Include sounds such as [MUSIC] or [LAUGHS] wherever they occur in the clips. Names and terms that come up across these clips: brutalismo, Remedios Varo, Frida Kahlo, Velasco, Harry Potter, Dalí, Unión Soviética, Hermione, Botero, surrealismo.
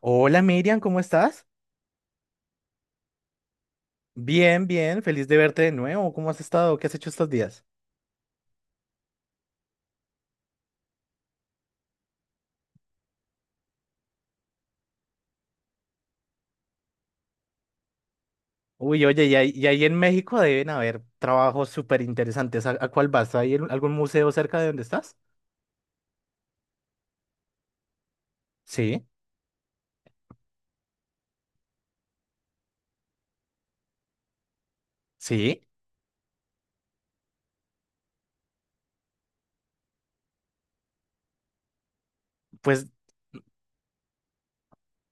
Hola Miriam, ¿cómo estás? Bien, bien, feliz de verte de nuevo. ¿Cómo has estado? ¿Qué has hecho estos días? Uy, oye, y ahí en México deben haber trabajos súper interesantes. ¿A cuál vas? ¿Hay algún museo cerca de donde estás? Sí, sí. Pues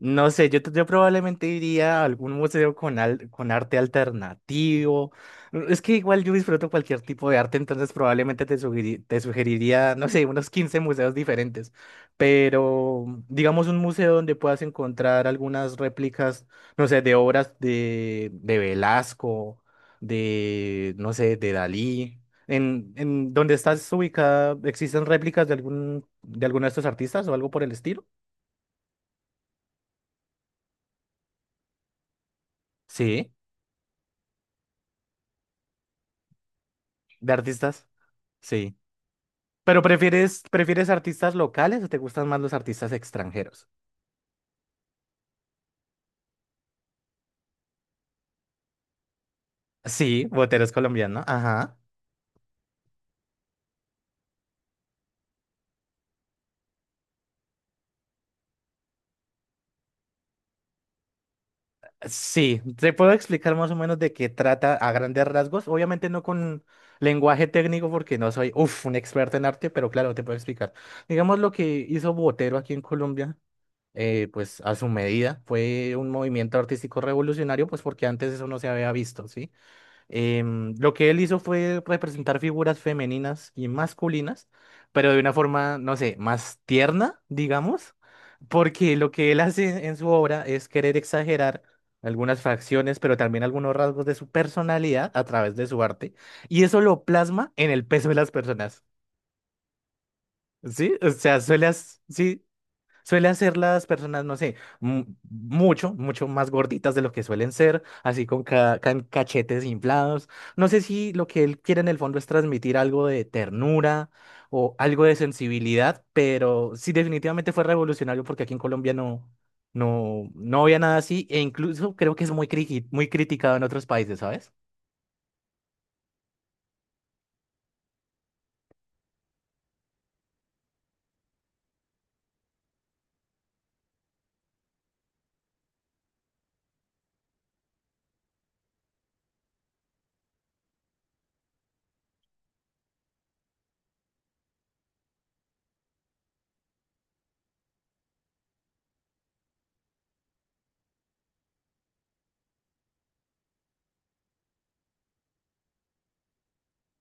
no sé, yo probablemente iría a algún museo con arte alternativo. Mm, es que igual yo disfruto cualquier tipo de arte, entonces probablemente te sugeriría, no sé, unos 15 museos diferentes. Pero digamos un museo donde puedas encontrar algunas réplicas, no sé, de obras de Velasco, de, no sé, de Dalí. En donde estás ubicada, ¿existen réplicas de algún, de alguno de estos artistas o algo por el estilo? Sí, de artistas. Sí. ¿Pero prefieres, prefieres artistas locales o te gustan más los artistas extranjeros? Sí, Botero es colombiano. Ajá. Sí, te puedo explicar más o menos de qué trata a grandes rasgos. Obviamente no con lenguaje técnico porque no soy, uf, un experto en arte, pero claro, te puedo explicar. Digamos lo que hizo Botero aquí en Colombia, pues a su medida, fue un movimiento artístico revolucionario, pues porque antes eso no se había visto, ¿sí? Lo que él hizo fue representar figuras femeninas y masculinas, pero de una forma, no sé, más tierna, digamos, porque lo que él hace en su obra es querer exagerar algunas facciones, pero también algunos rasgos de su personalidad a través de su arte, y eso lo plasma en el peso de las personas, ¿sí? O sea, suele, sí, suelen ser las personas, no sé, mucho, mucho más gorditas de lo que suelen ser, así con cachetes inflados. No sé si lo que él quiere en el fondo es transmitir algo de ternura o algo de sensibilidad, pero sí definitivamente fue revolucionario porque aquí en Colombia no había nada así e incluso creo que es muy criticado en otros países, ¿sabes?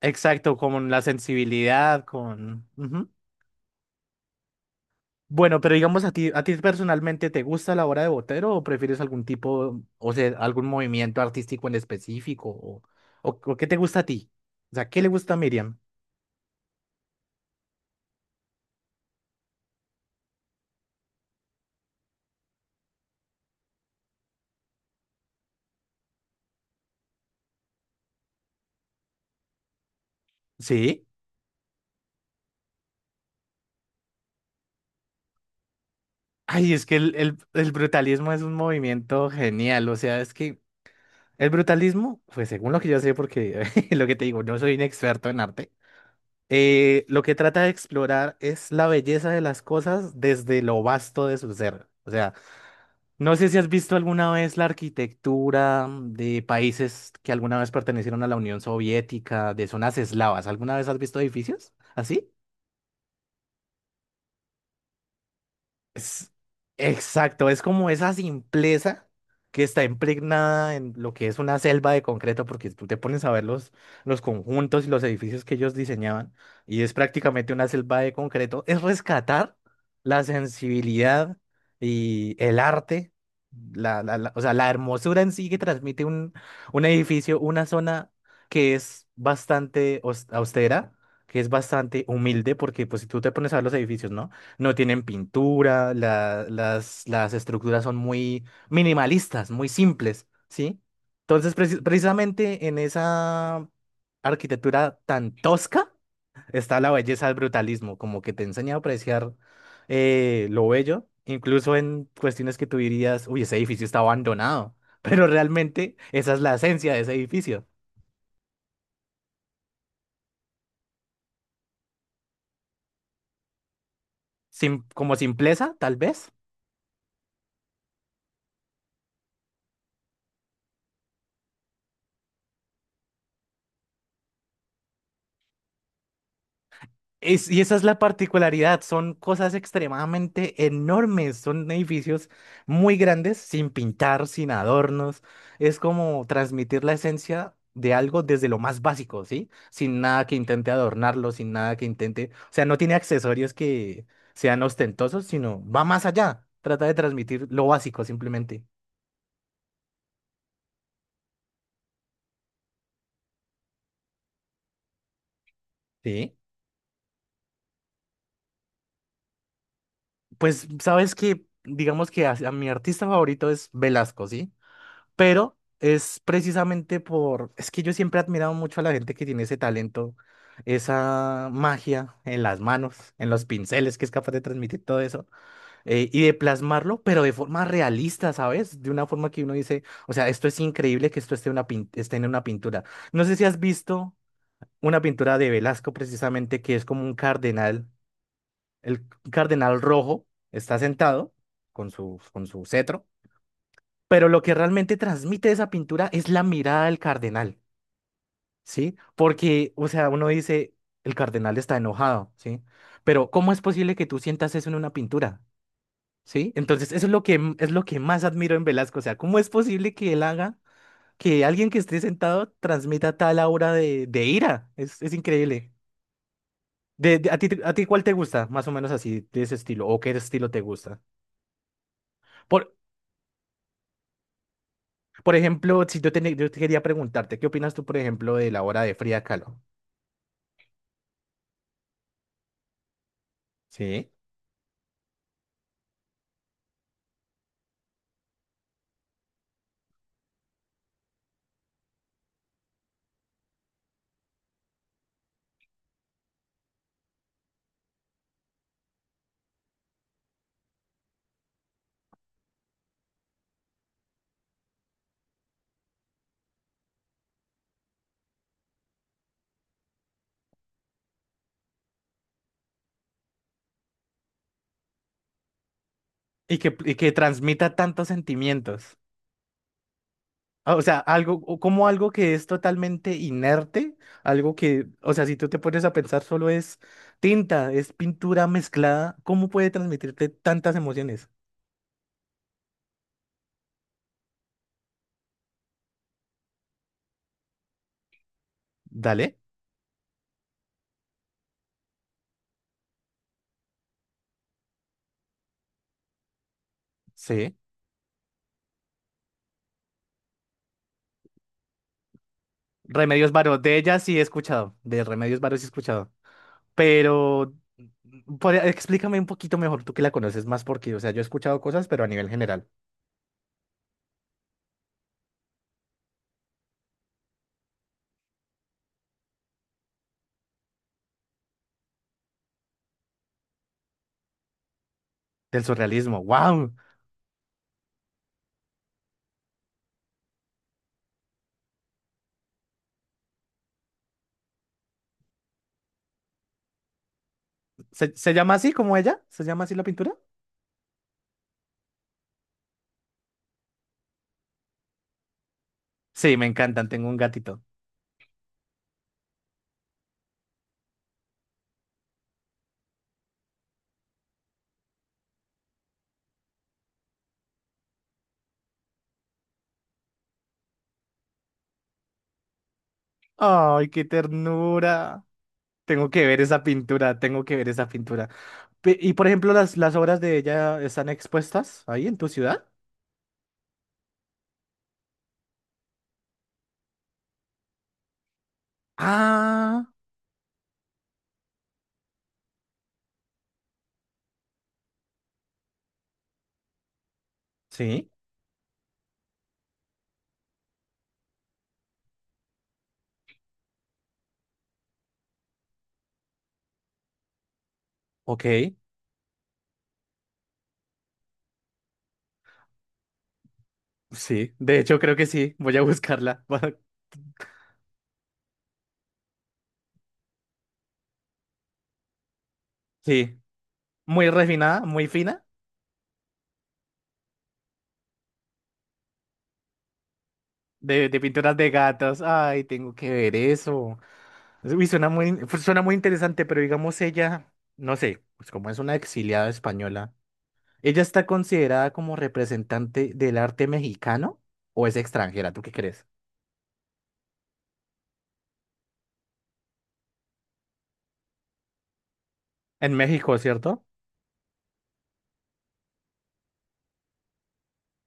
Exacto, con la sensibilidad, con... Ujú. Bueno, pero digamos a ti personalmente, ¿te gusta la obra de Botero o prefieres algún tipo, o sea, algún movimiento artístico en específico? O qué te gusta a ti? O sea, ¿qué le gusta a Miriam? Sí. Ay, es que el brutalismo es un movimiento genial. O sea, es que el brutalismo, pues según lo que yo sé, porque [LAUGHS] lo que te digo, no soy un experto en arte, lo que trata de explorar es la belleza de las cosas desde lo vasto de su ser. O sea, no sé si has visto alguna vez la arquitectura de países que alguna vez pertenecieron a la Unión Soviética, de zonas eslavas. ¿Alguna vez has visto edificios así? Es, exacto, es como esa simpleza que está impregnada en lo que es una selva de concreto, porque tú te pones a ver los conjuntos y los edificios que ellos diseñaban, y es prácticamente una selva de concreto, es rescatar la sensibilidad y el arte, o sea, la hermosura en sí que transmite un edificio, una zona que es bastante austera, que es bastante humilde, porque pues si tú te pones a ver los edificios, ¿no? No tienen pintura, las estructuras son muy minimalistas, muy simples, ¿sí? Entonces, precisamente en esa arquitectura tan tosca [LAUGHS] está la belleza del brutalismo, como que te enseña a apreciar lo bello, incluso en cuestiones que tú dirías, uy, ese edificio está abandonado, [LAUGHS] pero realmente esa es la esencia de ese edificio. Sim- como simpleza, tal vez. Y esa es la particularidad, son cosas extremadamente enormes, son edificios muy grandes, sin pintar, sin adornos. Es como transmitir la esencia de algo desde lo más básico, ¿sí? Sin nada que intente adornarlo, sin nada que intente, o sea, no tiene accesorios que sean ostentosos, sino va más allá, trata de transmitir lo básico simplemente. Sí. Pues sabes que, digamos que a mi artista favorito es Velasco, ¿sí? Pero es precisamente por, es que yo siempre he admirado mucho a la gente que tiene ese talento, esa magia en las manos, en los pinceles, que es capaz de transmitir todo eso y de plasmarlo, pero de forma realista, ¿sabes? De una forma que uno dice, o sea, esto es increíble que esto esté, esté en una pintura. No sé si has visto una pintura de Velasco precisamente que es como un cardenal, el cardenal rojo está sentado con su cetro, pero lo que realmente transmite esa pintura es la mirada del cardenal, ¿sí? Porque, o sea, uno dice, el cardenal está enojado, ¿sí? Pero ¿cómo es posible que tú sientas eso en una pintura? ¿Sí? Entonces, eso es lo es lo que más admiro en Velasco, o sea, ¿cómo es posible que él haga que alguien que esté sentado transmita tal aura de ira? Es increíble. ¿A ti, a ti cuál te gusta? Más o menos así, de ese estilo, o qué estilo te gusta. Por, por ejemplo, si yo te quería preguntarte, ¿qué opinas tú, por ejemplo, de la obra de Frida Kahlo? Sí. Y que transmita tantos sentimientos. Ah, o sea, algo, o como algo que es totalmente inerte, algo que, o sea, si tú te pones a pensar, solo es tinta, es pintura mezclada, ¿cómo puede transmitirte tantas emociones? Dale, sí. Remedios Varo, de ella sí he escuchado, de Remedios Varo sí he escuchado, pero explícame un poquito mejor, tú que la conoces más, porque, o sea, yo he escuchado cosas, pero a nivel general, del surrealismo, wow. ¿Se llama así como ella? ¿Se llama así la pintura? Sí, me encantan, tengo un gatito. Ay, qué ternura. Tengo que ver esa pintura, tengo que ver esa pintura. Y por ejemplo, las obras de ella están expuestas ahí en tu ciudad. Ah, sí, ok, sí. De hecho, creo que sí, voy a buscarla. [LAUGHS] Sí, muy refinada, muy fina, de pinturas de gatos. Ay, tengo que ver eso. Uy, suena muy interesante, pero digamos ella, no sé, pues como es una exiliada española. ¿Ella está considerada como representante del arte mexicano o es extranjera? ¿Tú qué crees? En México, ¿cierto?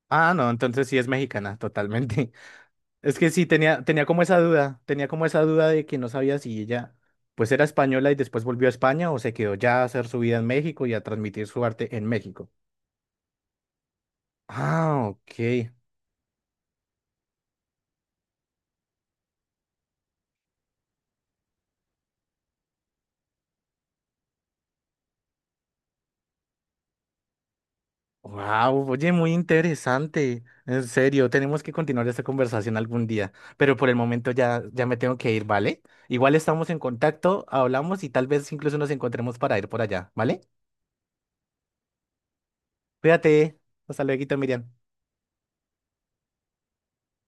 Ah, no, entonces sí es mexicana, totalmente. [LAUGHS] Es que sí, tenía, tenía como esa duda, tenía como esa duda de que no sabía si ella pues era española y después volvió a España o se quedó ya a hacer su vida en México y a transmitir su arte en México. Ah, ok. Wow, oye, muy interesante. En serio, tenemos que continuar esta conversación algún día, pero por el momento ya, ya me tengo que ir, ¿vale? Igual estamos en contacto, hablamos y tal vez incluso nos encontremos para ir por allá, ¿vale? Cuídate. Hasta luego, Miriam.